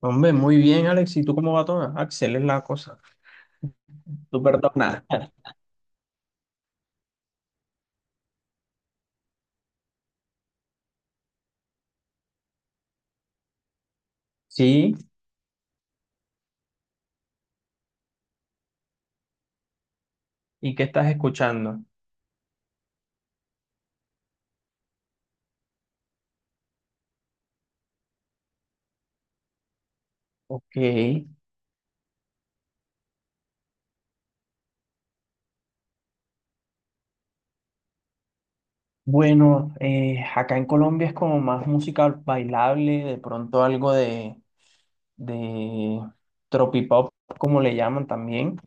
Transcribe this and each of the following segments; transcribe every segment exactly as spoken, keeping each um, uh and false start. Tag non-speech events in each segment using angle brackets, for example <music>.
Hombre, muy bien, Alex. ¿Y tú cómo va todo? Axel, es la cosa. Tú perdona. Sí, ¿y qué estás escuchando? Ok, bueno, eh, acá en Colombia es como más música bailable, de pronto algo de, de tropipop, como le llaman también,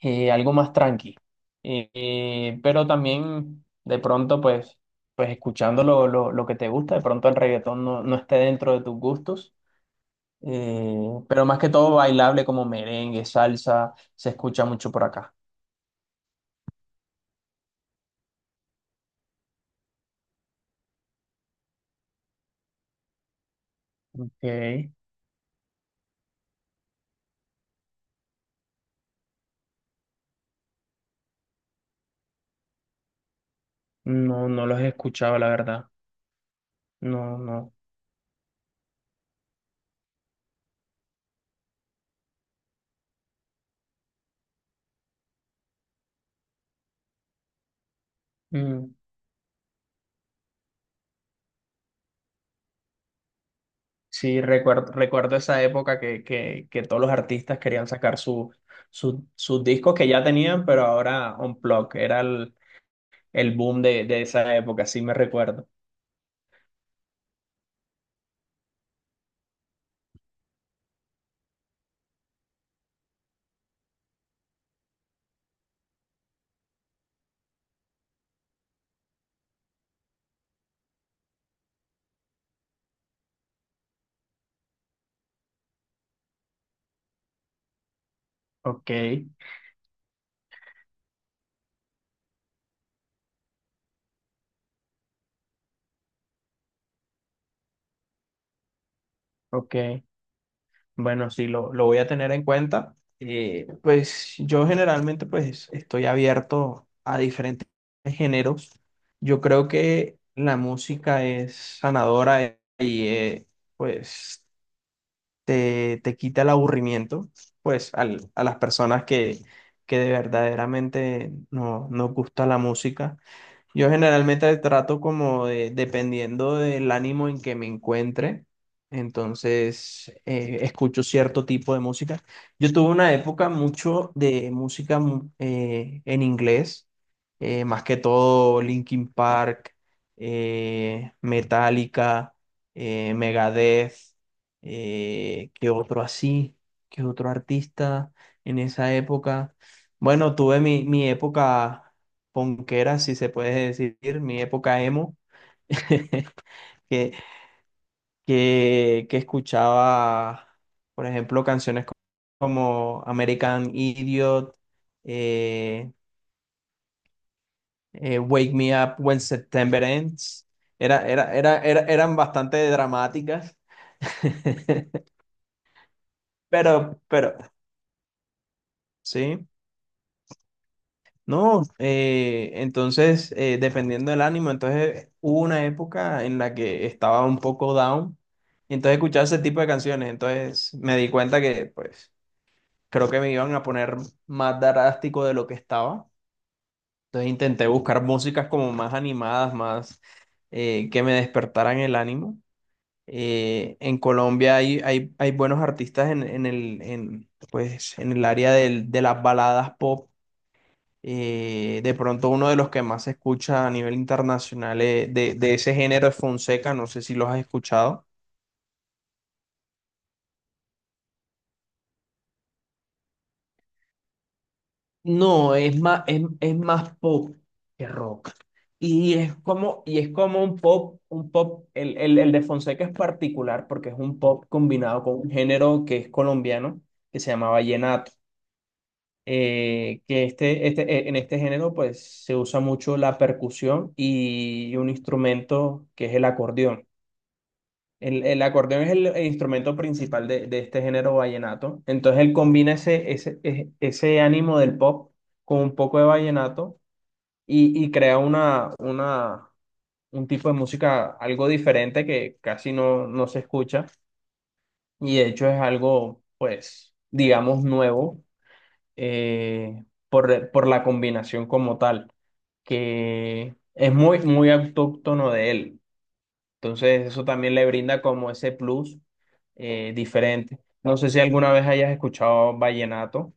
eh, algo más tranqui. Eh, eh, pero también de pronto, pues, pues escuchando lo, lo, lo que te gusta, de pronto el reggaetón no, no esté dentro de tus gustos. Eh, pero más que todo bailable como merengue, salsa, se escucha mucho por acá. Ok. No, no los he escuchado, la verdad. No, no. Mm. Sí, recuerdo, recuerdo esa época que, que, que todos los artistas querían sacar su, su- sus discos que ya tenían, pero ahora Unplugged era el, el boom de, de esa época, sí me recuerdo. Ok, ok. Bueno, sí, lo, lo voy a tener en cuenta. Eh, pues yo generalmente pues estoy abierto a diferentes géneros. Yo creo que la música es sanadora, eh, y eh, pues te, te quita el aburrimiento pues al- a las personas que, que de verdaderamente no, nos gusta la música. Yo generalmente trato como de, dependiendo del ánimo en que me encuentre, entonces eh, escucho cierto tipo de música. Yo tuve una época mucho de música mu- eh, en inglés, eh, más que todo Linkin Park, eh, Metallica, eh, Megadeth, eh, ¿qué otro así? ¿Qué otro artista en esa época? Bueno, tuve mi, mi época ponquera, si se puede decir, mi época emo, <laughs> que, que, que escuchaba, por ejemplo, canciones co- como American Idiot, eh, eh, Wake Me Up When September Ends. Era, era, era, era- eran bastante dramáticas, <laughs> pero, pero, sí. No, eh, entonces, eh, dependiendo del ánimo, entonces hubo una época en la que estaba un poco down, y entonces escuchaba ese tipo de canciones. Entonces me di cuenta que, pues, creo que me iban a poner más drástico de lo que estaba, entonces intenté buscar músicas como más animadas, más eh, que me despertaran el ánimo. Eh, en Colombia hay, hay, hay buenos artistas en, en el, en, pues, en el área del- de las baladas pop, eh, de pronto uno de los que más se escucha a nivel internacional, eh, de, de ese género es Fonseca, no sé si los has escuchado. No, es más, es, es más pop que rock. Y es como, y es como un pop, un pop, el, el, el de Fonseca es particular porque es un pop combinado con un género que es colombiano, que se llama vallenato. Eh, que este, este, eh, en este género pues se usa mucho la percusión y un instrumento que es el acordeón. El, el acordeón es el, el instrumento principal de, de este género vallenato. Entonces él combina ese, ese, e- ese ánimo del pop con un poco de vallenato y, y crea una, una, un tipo de música algo diferente que casi no, no se escucha. Y de hecho es algo, pues, digamos, nuevo, eh, por, por la combinación como tal, que es muy, muy autóctono de él. Entonces, eso también le brinda como ese plus eh, diferente. No sé si alguna vez hayas escuchado vallenato.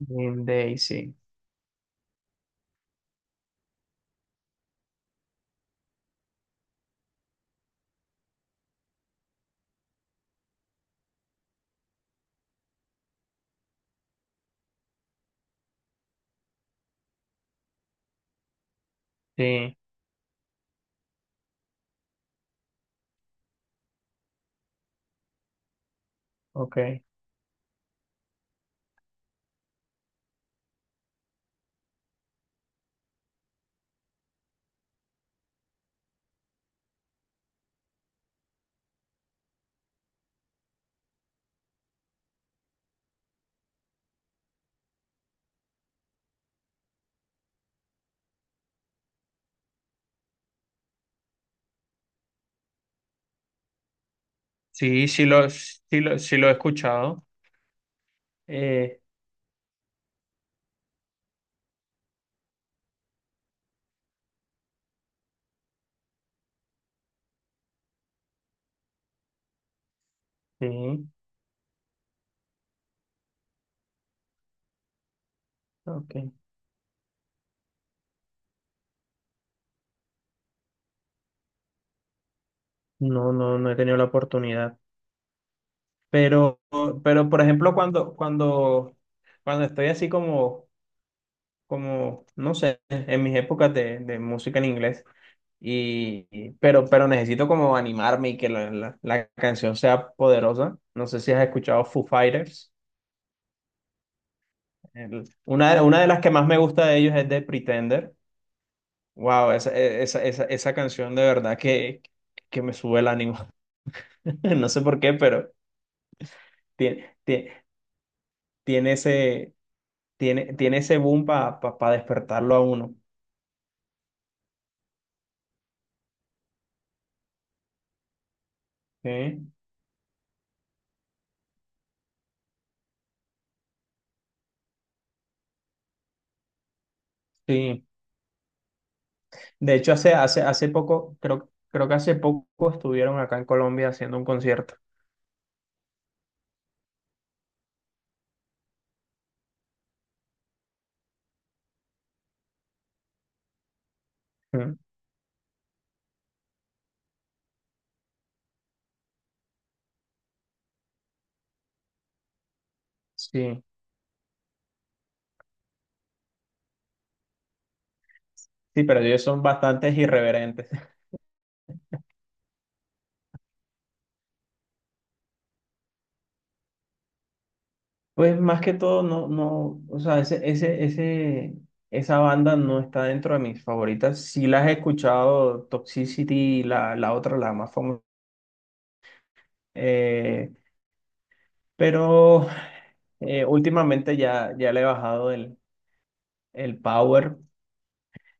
Green Day, sí. Sí, ok. Sí sí lo, sí lo, sí lo he escuchado. Eh, sí, ok. No, no, no he tenido la oportunidad. Pero, pero por ejemplo, cuando, cuando, cuando estoy así como, como, no sé, en mis épocas de, de música en inglés. Y, pero, pero necesito como animarme y que la, la- la canción sea poderosa. No sé si has escuchado Foo Fighters. El- una, de- una de las que más me gusta de ellos es de Pretender. Wow, esa, e, esa, esa, esa canción de verdad que, que me sube el ánimo. <laughs> No sé por qué, pero tiene, tiene, tiene ese, tiene, tiene ese boom para pa, pa- pa despertarlo a uno. Sí. Sí. De hecho, hace, hace, hace poco, creo, creo que hace poco estuvieron acá en Colombia haciendo un concierto. Mm. Sí. Sí, pero ellos son bastantes irreverentes. <laughs> Pues más que todo, no, no, o sea, ese, ese, ese, esa banda no está dentro de mis favoritas. Sí las he escuchado, Toxicity, la, la otra, la más famosa. eh, pero eh, Últimamente ya, ya le he bajado el, el power.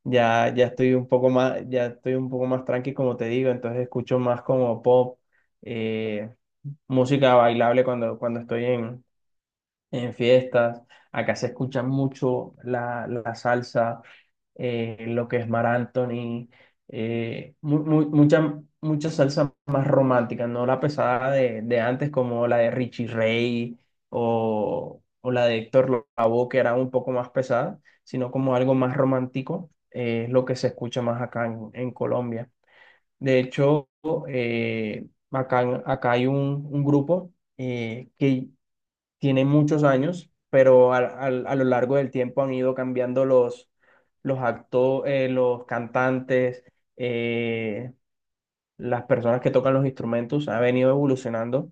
Ya, ya estoy un poco más, ya estoy un poco más tranqui, como te digo. Entonces escucho más como pop, eh, música bailable cuando, cuando estoy en, en fiestas. Acá se escucha mucho la, la salsa, eh, lo que es Mar Anthony, eh, mu- mu- mucha, mucha salsa más romántica, no la pesada de, de antes como la de Richie Ray o, o la de Héctor Lavoe, que era un poco más pesada, sino como algo más romántico. Eh, es lo que se escucha más acá en, en Colombia. De hecho, eh, acá, acá hay un, un grupo eh, que tiene muchos años, pero al- al- a, lo largo del tiempo han ido cambiando los, los acto- eh, los cantantes, eh, las personas que tocan los instrumentos, ha venido evolucionando.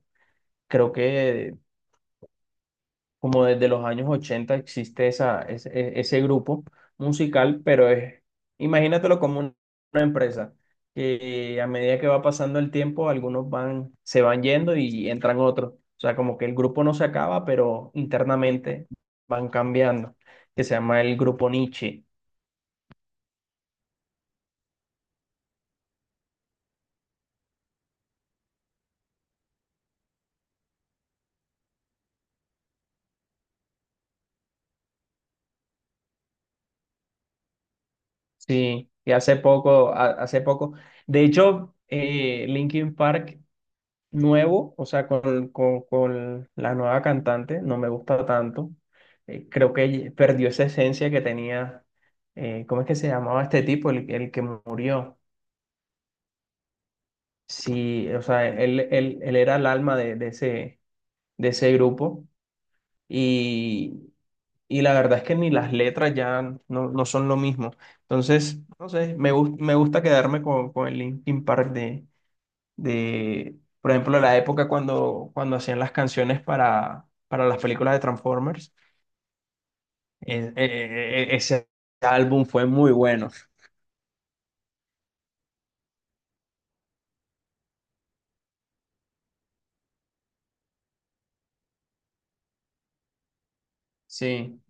Creo que como desde los años ochenta existe esa, ese, e- ese grupo musical, pero es, imagínatelo como un- una empresa, que a medida que va pasando el tiempo, algunos van, se van yendo y entran otros. O sea, como que el grupo no se acaba, pero internamente van cambiando, que se llama el grupo Nietzsche. Sí, y hace poco, a- hace poco, de hecho, eh, Linkin Park nuevo, o sea, con, con, con la nueva cantante, no me gusta tanto. Eh, creo que ella perdió esa esencia que tenía. Eh, ¿cómo es que se llamaba este tipo, el, el que murió? Sí, o sea, él, él, él era el alma de, de ese, de ese grupo y, y la verdad es que ni las letras ya no, no son lo mismo. Entonces, no sé, me, gus- me gusta quedarme con, con el Linkin Park de, por ejemplo, la época cuando, cuando hacían las canciones para, para las películas de Transformers. E- e- e- e- ese álbum fue muy bueno. Sí.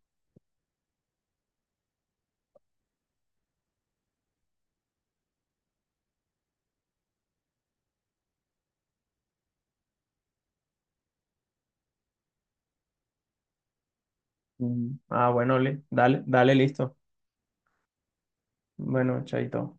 Mm. Ah, bueno, li- dale, dale, listo. Bueno, chaito.